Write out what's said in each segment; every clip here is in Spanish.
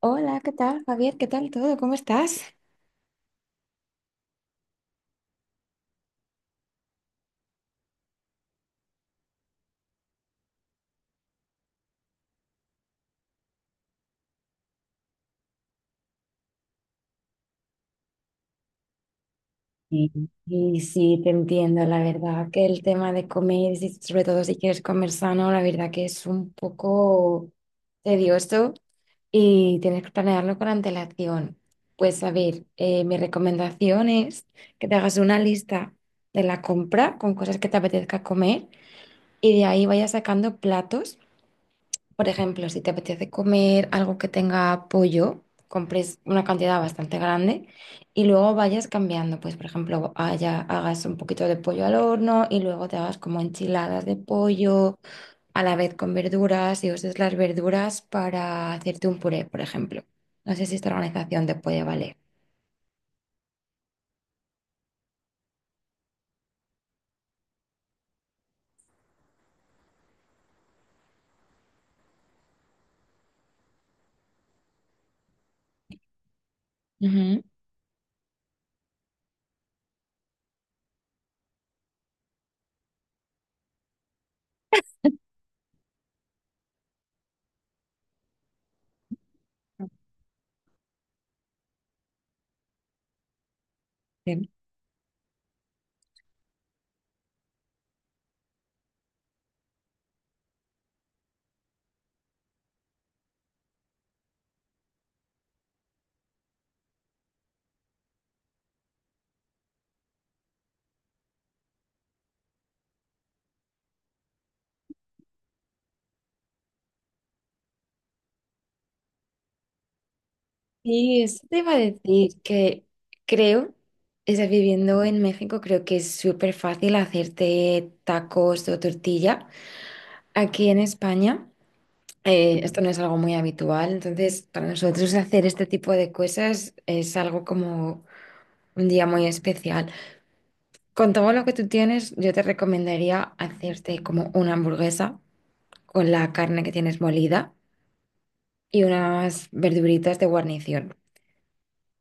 Hola, ¿qué tal, Javier? ¿Qué tal todo? ¿Cómo estás? Sí, sí, sí, te entiendo, la verdad que el tema de comer, sobre todo si quieres comer sano, la verdad que es un poco tedioso y tienes que planearlo con antelación. Pues a ver, mi recomendación es que te hagas una lista de la compra con cosas que te apetezca comer y de ahí vayas sacando platos. Por ejemplo, si te apetece comer algo que tenga pollo, compres una cantidad bastante grande y luego vayas cambiando. Pues, por ejemplo, hagas un poquito de pollo al horno y luego te hagas como enchiladas de pollo a la vez con verduras y uses las verduras para hacerte un puré, por ejemplo. No sé si esta organización te puede valer. Ujú. Sí, eso te iba a decir que creo, es decir, viviendo en México, creo que es súper fácil hacerte tacos o tortilla. Aquí en España, esto no es algo muy habitual, entonces para nosotros hacer este tipo de cosas es algo como un día muy especial. Con todo lo que tú tienes, yo te recomendaría hacerte como una hamburguesa con la carne que tienes molida y unas verduritas de guarnición.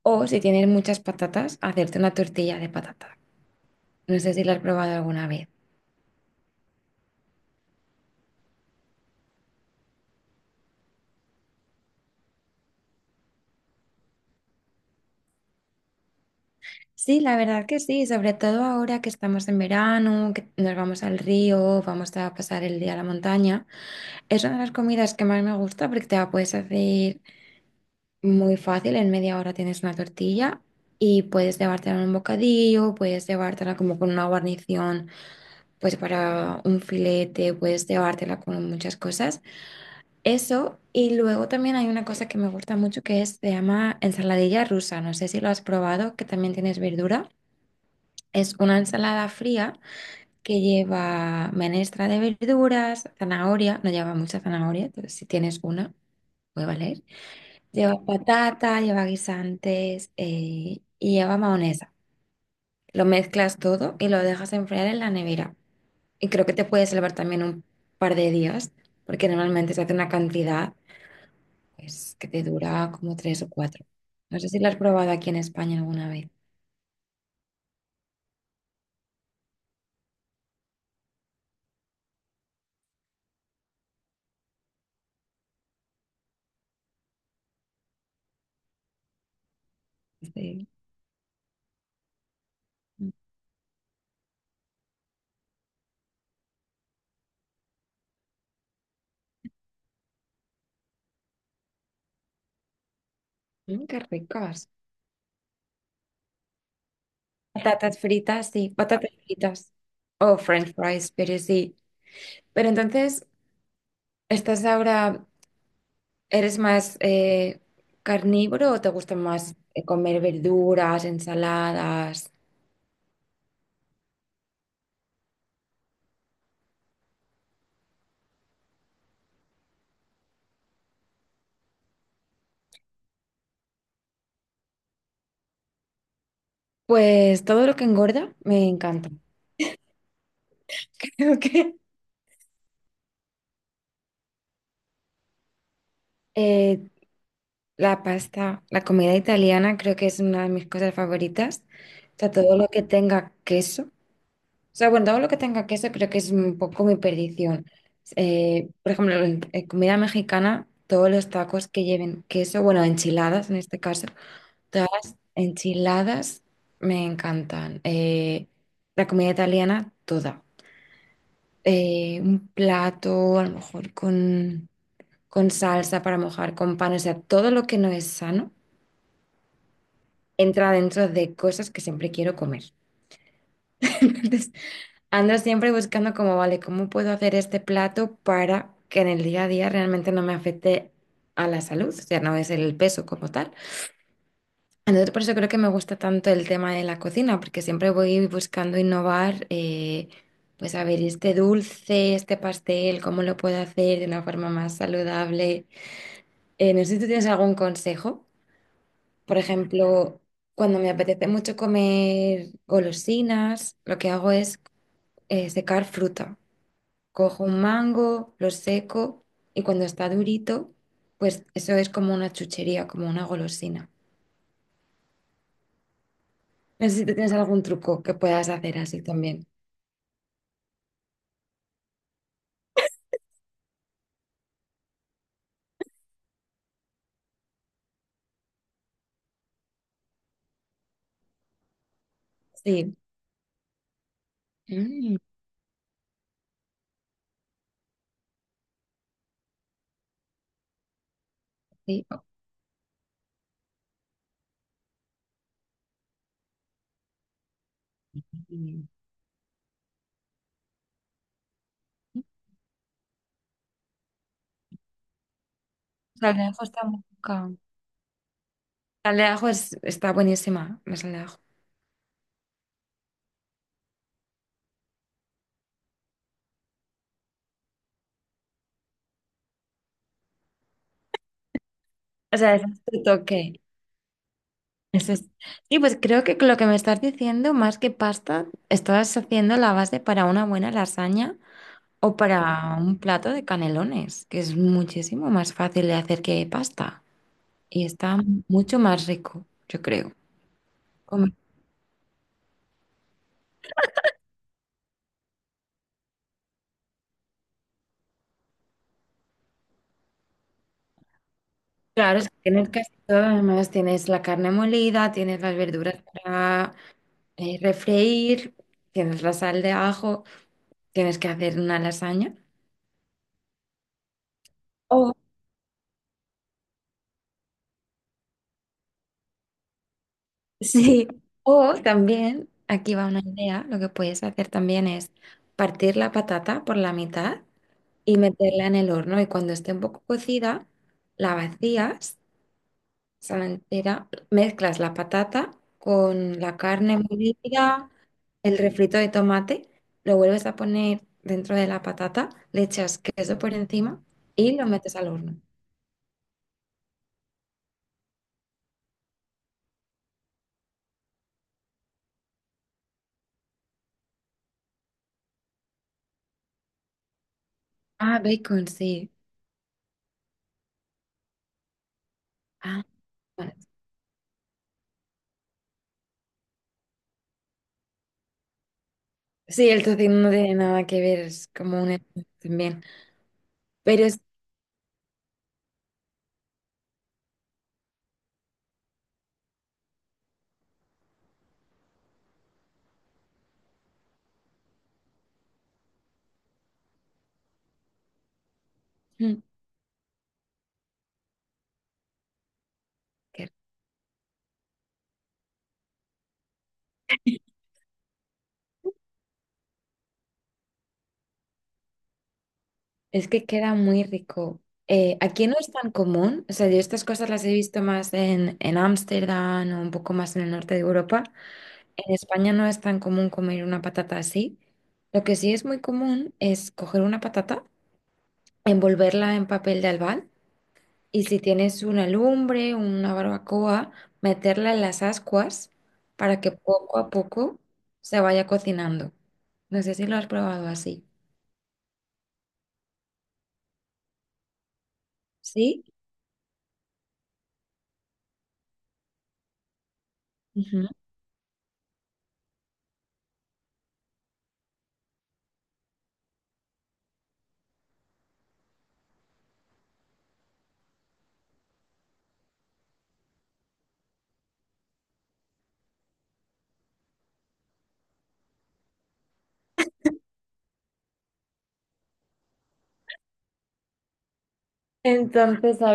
O si tienes muchas patatas, hacerte una tortilla de patata. No sé si la has probado alguna vez. Sí, la verdad que sí, sobre todo ahora que estamos en verano, que nos vamos al río, vamos a pasar el día a la montaña. Es una de las comidas que más me gusta porque te la puedes hacer muy fácil, en media hora tienes una tortilla y puedes llevártela en un bocadillo, puedes llevártela como con una guarnición, pues para un filete, puedes llevártela con muchas cosas. Eso, y luego también hay una cosa que me gusta mucho que es, se llama ensaladilla rusa. No sé si lo has probado, que también tienes verdura. Es una ensalada fría que lleva menestra de verduras, zanahoria, no lleva mucha zanahoria, entonces si tienes una, puede valer. Lleva patata, lleva guisantes y lleva mayonesa. Lo mezclas todo y lo dejas enfriar en la nevera. Y creo que te puede salvar también un par de días, porque normalmente se hace una cantidad, pues que te dura como tres o cuatro. No sé si la has probado aquí en España alguna vez. Sí. Mm, mm, qué ricas. Patatas fritas, sí, patatas fritas. O French fries, pero sí. Pero entonces, ¿estás ahora, eres más carnívoro o te gusta más comer verduras, ensaladas? Pues todo lo que engorda me encanta. Creo que eh, la pasta, la comida italiana creo que es una de mis cosas favoritas. O sea, todo lo que tenga queso. O sea, bueno, todo lo que tenga queso creo que es un poco mi perdición. Por ejemplo, en comida mexicana, todos los tacos que lleven queso, bueno, enchiladas en este caso, todas las enchiladas me encantan. La comida italiana, toda. Un plato, a lo mejor con salsa para mojar, con pan, o sea, todo lo que no es sano entra dentro de cosas que siempre quiero comer. Entonces, ando siempre buscando como, vale, ¿cómo puedo hacer este plato para que en el día a día realmente no me afecte a la salud? O sea, no es el peso como tal. Entonces, por eso creo que me gusta tanto el tema de la cocina, porque siempre voy buscando innovar. Pues a ver, este dulce, este pastel, ¿cómo lo puedo hacer de una forma más saludable? No sé si tú tienes algún consejo. Por ejemplo, cuando me apetece mucho comer golosinas, lo que hago es secar fruta. Cojo un mango, lo seco y cuando está durito, pues eso es como una chuchería, como una golosina. No sé si tú tienes algún truco que puedas hacer así también. Sí. Mm. Sí. Mm. Sal de ajo está muy rica. Sal de ajo es- Está buenísima, la sal de ajo. O sea, ese es tu toque. Eso es. Sí, pues creo que lo que me estás diciendo, más que pasta, estás haciendo la base para una buena lasaña o para un plato de canelones, que es muchísimo más fácil de hacer que pasta y está mucho más rico, yo creo. Como- claro, es que tienes casi todo, además tienes la carne molida, tienes las verduras para refreír, tienes la sal de ajo, tienes que hacer una lasaña. Sí, o también, aquí va una idea, lo que puedes hacer también es partir la patata por la mitad y meterla en el horno y cuando esté un poco cocida, la vacías, o la entera, mezclas la patata con la carne molida, el refrito de tomate, lo vuelves a poner dentro de la patata, le echas queso por encima y lo metes al horno. Ah, bacon, sí. Ah, bueno. Sí, el tocino no tiene nada que ver, es como un... también. Pero es, Mm. que es que queda muy rico. Aquí no es tan común, o sea, yo estas cosas las he visto más en Ámsterdam o un poco más en el norte de Europa. En España no es tan común comer una patata así. Lo que sí es muy común es coger una patata, envolverla en papel de albal y si tienes una lumbre, una barbacoa, meterla en las ascuas para que poco a poco se vaya cocinando. No sé si lo has probado así. ¿Sí?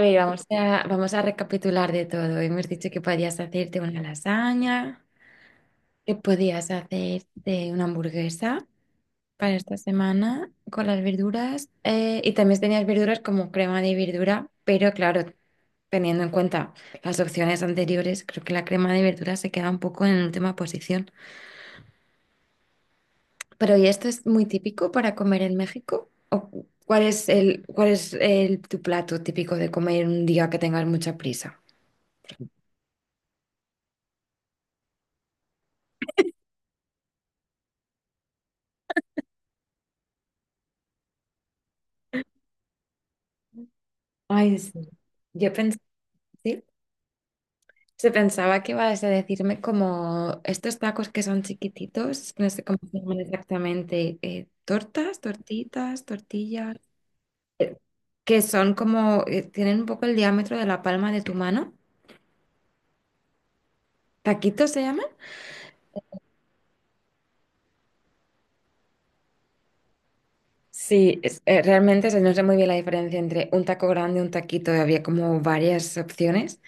Vamos a recapitular de todo. Hemos dicho que podías hacerte una lasaña, que podías hacerte una hamburguesa para esta semana con las verduras y también tenías verduras como crema de verdura, pero claro, teniendo en cuenta las opciones anteriores, creo que la crema de verdura se queda un poco en última posición. Pero ¿y esto es muy típico para comer en México? ¿O cuál es el, tu plato típico de comer un día que tengas mucha prisa? Ay, sí. Yo pensé. Se pensaba que ibas a decirme como estos tacos que son chiquititos, no sé cómo se llaman exactamente, tortas, tortitas, tortillas, que son como, tienen un poco el diámetro de la palma de tu mano. ¿Taquitos se llaman? Realmente o sea, no sé muy bien la diferencia entre un taco grande y un taquito, había como varias opciones.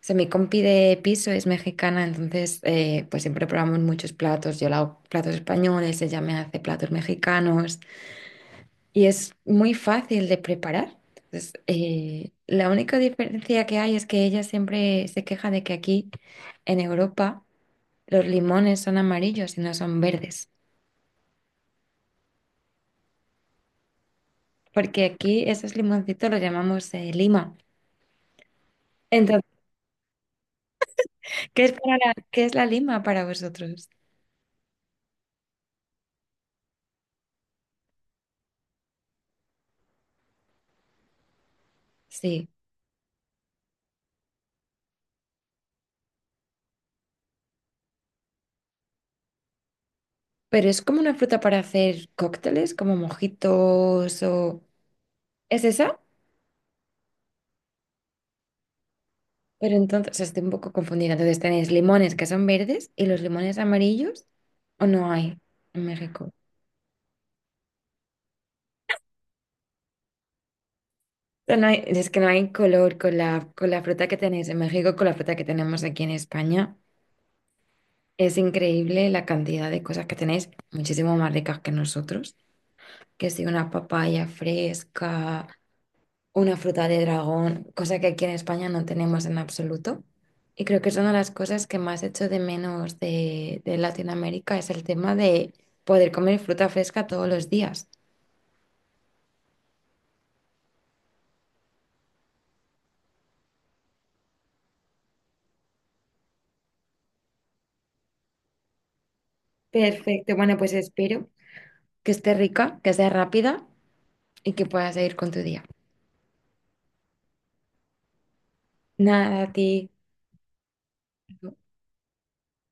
O sea, mi compi de piso es mexicana, entonces pues siempre probamos muchos platos, yo le hago platos españoles, ella me hace platos mexicanos, y es muy fácil de preparar. Entonces, la única diferencia que hay es que ella siempre se queja de que aquí en Europa los limones son amarillos y no son verdes, porque aquí esos limoncitos los llamamos lima. Entonces, ¿qué es la lima para vosotros? Sí, pero es como una fruta para hacer cócteles, como mojitos o... ¿Es esa? Pero entonces, o sea, estoy un poco confundida. Entonces, ¿tenéis limones que son verdes y los limones amarillos o no hay en México? O sea, es que no hay color con la fruta que tenéis en México, con la fruta que tenemos aquí en España. Es increíble la cantidad de cosas que tenéis, muchísimo más ricas que nosotros. Que si una papaya fresca, una fruta de dragón, cosa que aquí en España no tenemos en absoluto. Y creo que es una de las cosas que más echo de menos de Latinoamérica, es el tema de poder comer fruta fresca todos los días. Perfecto, bueno, pues espero que esté rica, que sea rápida y que puedas seguir con tu día. Nada, a ti.